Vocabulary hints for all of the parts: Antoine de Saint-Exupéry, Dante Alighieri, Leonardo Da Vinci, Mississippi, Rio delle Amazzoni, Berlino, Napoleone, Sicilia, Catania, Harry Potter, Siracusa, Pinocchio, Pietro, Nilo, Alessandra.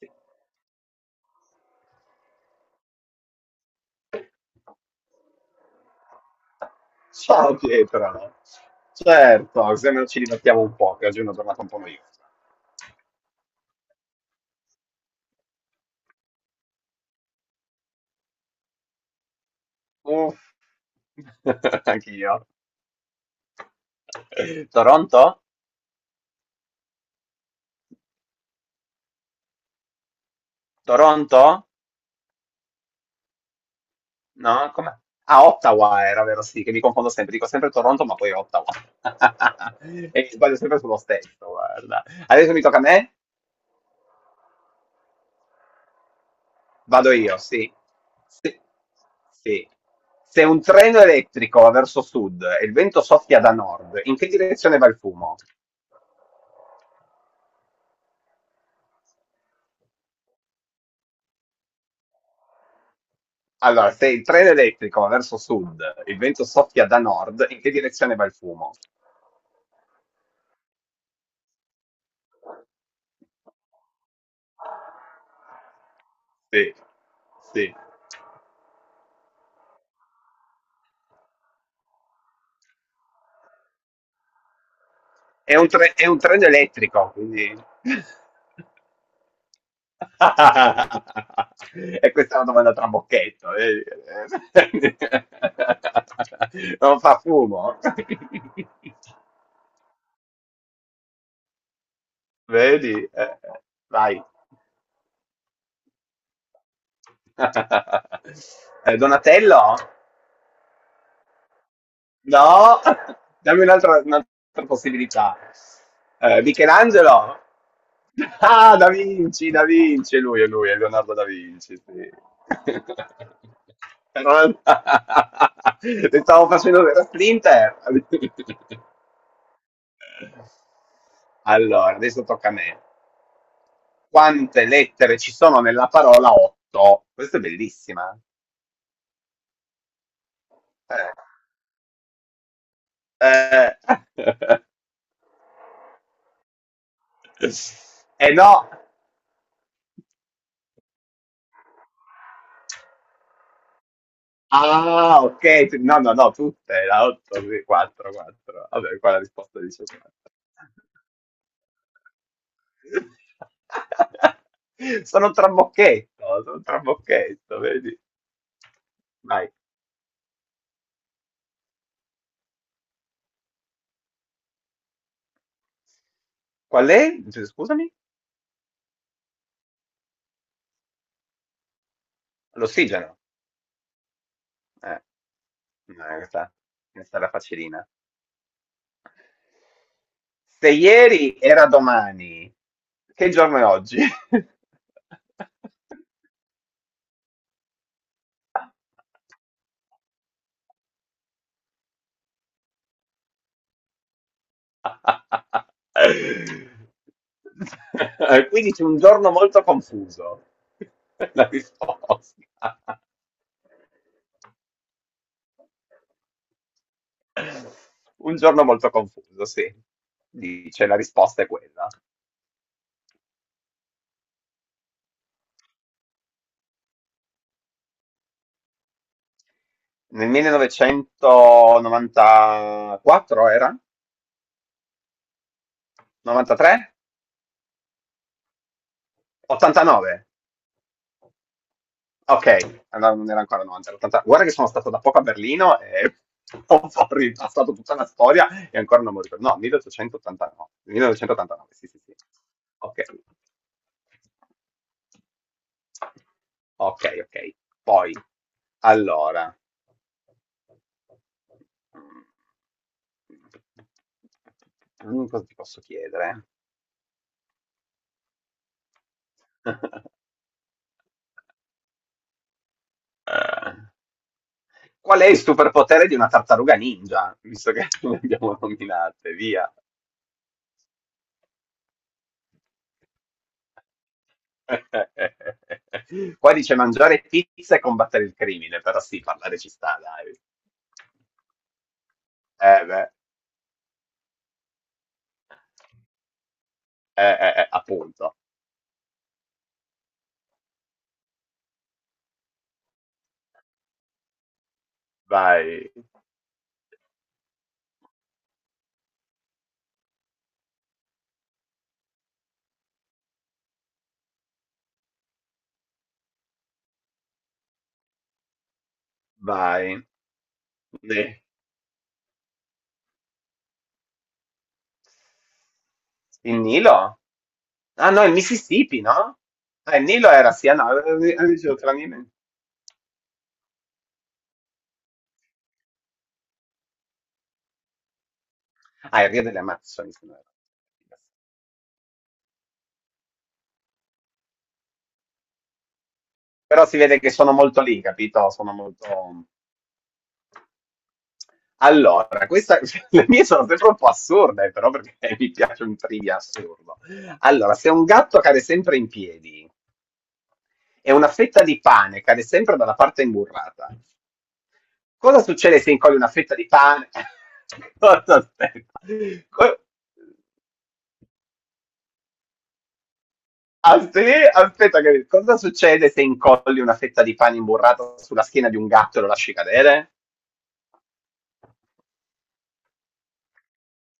Sì. Ciao Pietro. Certo, se non ci divertiamo un po', che oggi è una giornata un po' noiosa. Uff, anch'io. Toronto? Toronto? No? Com'è? Ah, Ottawa era, vero? Sì, che mi confondo sempre. Dico sempre Toronto, ma poi Ottawa. E sbaglio sempre sullo stesso, guarda. Adesso mi tocca a me? Vado io, sì. Sì. Sì. Se un treno elettrico va verso sud e il vento soffia da nord, in che direzione va il fumo? Allora, se il treno elettrico va verso sud, il vento soffia da nord, in che direzione va il fumo? Sì, sì. È un treno elettrico, quindi... E questa è una domanda trabocchetto, eh. Non fa fumo. Vedi? Vai. Donatello? No, dammi un'altra possibilità. Michelangelo? Ah, Da Vinci, Da Vinci, è lui, è lui, è Leonardo Da Vinci, sì. Però- Ti stavo facendo la splinter. Allora, adesso tocca a me. Quante lettere ci sono nella parola 8? Questa è bellissima. Eh, eh. Eh no. Ah, ok, no, no, no, tutte, la 8, 4, 4. Vabbè, qua la risposta dice 4. Sono un trabocchetto, vedi? Vai. Qual è? Cioè, scusami? L'ossigeno. Eh, no, questa era facilina. Se ieri era domani, che giorno è oggi? Quindi c'è un giorno molto confuso. La risposta. Un giorno molto confuso, sì. Dice, la risposta è quella. Nel 1994 era? 93? 89? Ok, allora non era ancora 90, 80. Guarda che sono stato da poco a Berlino e ho ripassato tutta la storia e ancora non mi ricordo. No, 1889. 1989, sì, sì, sì. Ok, ok, ok. Poi, allora. Cosa ti posso chiedere? Eh, Qual è il superpotere di una tartaruga ninja? Visto che le abbiamo nominate, via. Qua dice mangiare pizza e combattere il crimine, però sì, parlare ci sta, dai. Beh, appunto. Vai, vai. Eh, Il Nilo? Ah no, il Mississippi, no? Ah, il Nilo era, sì, ah, no, dicevo tra Nilo e- Ah, il Rio delle Amazzoni, se non erro. Però si vede che sono molto lì, capito? Sono molto... Allora, questa, le mie sono sempre un po' assurde, però perché mi piace un trivia assurdo. Allora, se un gatto cade sempre in piedi e una fetta di pane cade sempre dalla parte imburrata, cosa succede se incolli una fetta di pane? Aspetta, Co- Aspetta, aspetta cosa succede se incolli una fetta di pane imburrata sulla schiena di un gatto e lo lasci cadere?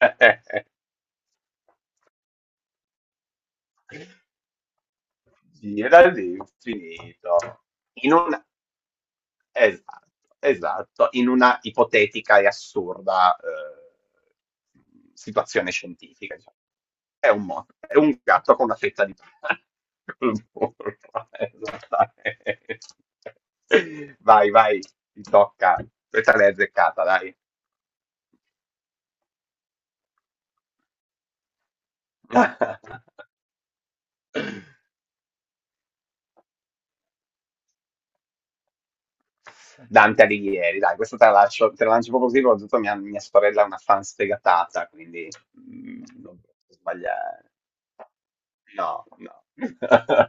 Gira all'infinito. In un, Esatto, esatto, in una ipotetica e assurda situazione scientifica, diciamo. È un gatto con una fetta di pane col burro, esattamente. Vai, vai, ti tocca. Questa l'hai azzeccata, dai. Dante Alighieri, dai, questa te la lascio, te la lancio proprio così, soprattutto mia sorella è una fan sfegatata, quindi non posso sbagliare. No, no.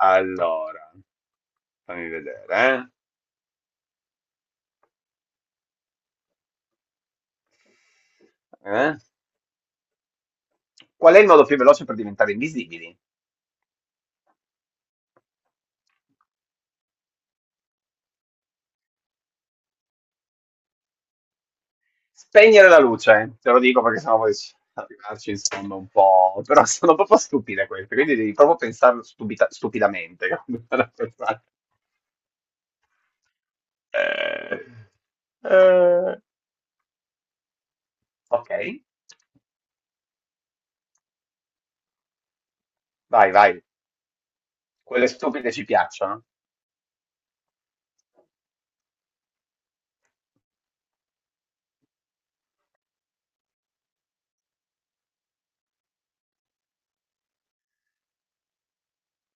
Allora, fammi vedere. Eh? Eh? Qual è il modo più veloce per diventare invisibili? Spegnere la luce, te lo dico perché sennò poi arrivarci insomma un po'... Però sono proprio stupide queste, quindi devi proprio pensare stupidamente. Cominciare a pensare. Eh, eh, ok, vai, vai. Quelle stupide ci piacciono.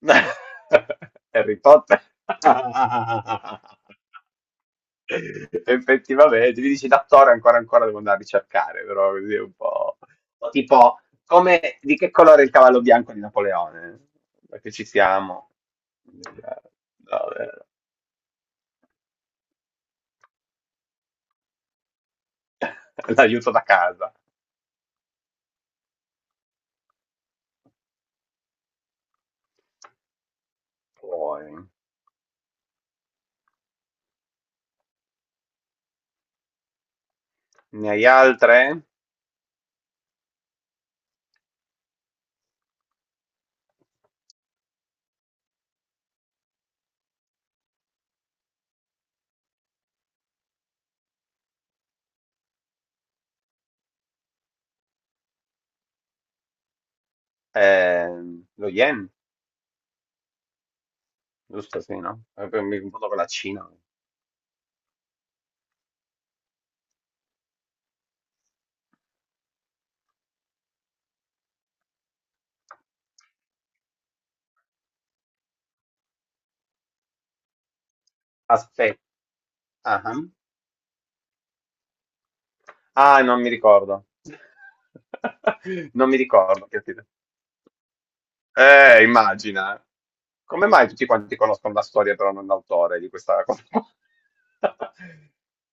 Harry Potter. Effettivamente, mi dici l'attore ancora ancora devo andare a ricercare, però così è un po'... Tipo, come, di che colore è il cavallo bianco di Napoleone? Perché ci siamo. No, l'aiuto da casa. Poi, ne hai altre? Eh, lo yen, giusto, sì, no? Mi confondo con la Cina. Aspetta. Ah, non mi ricordo. Non mi ricordo. Che ti- immagina. Come mai tutti quanti conoscono la storia, però non l'autore di questa cosa?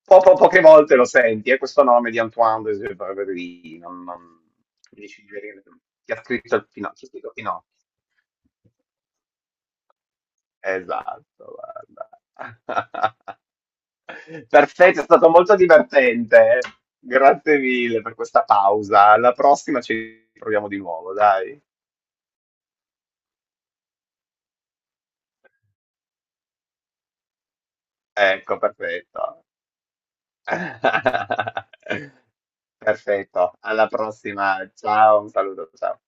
Poche volte lo senti, è questo nome di Antoine de Saint-Exupéry, non... mi dici di venire- Chi ha scritto il Pinocchio? Chi ha scritto Pinocchio? Esatto, guarda. Perfetto, è stato molto divertente. Grazie mille per questa pausa. Alla prossima ci proviamo di nuovo, dai. Ecco, perfetto. Perfetto, alla prossima. Ciao, un saluto, ciao.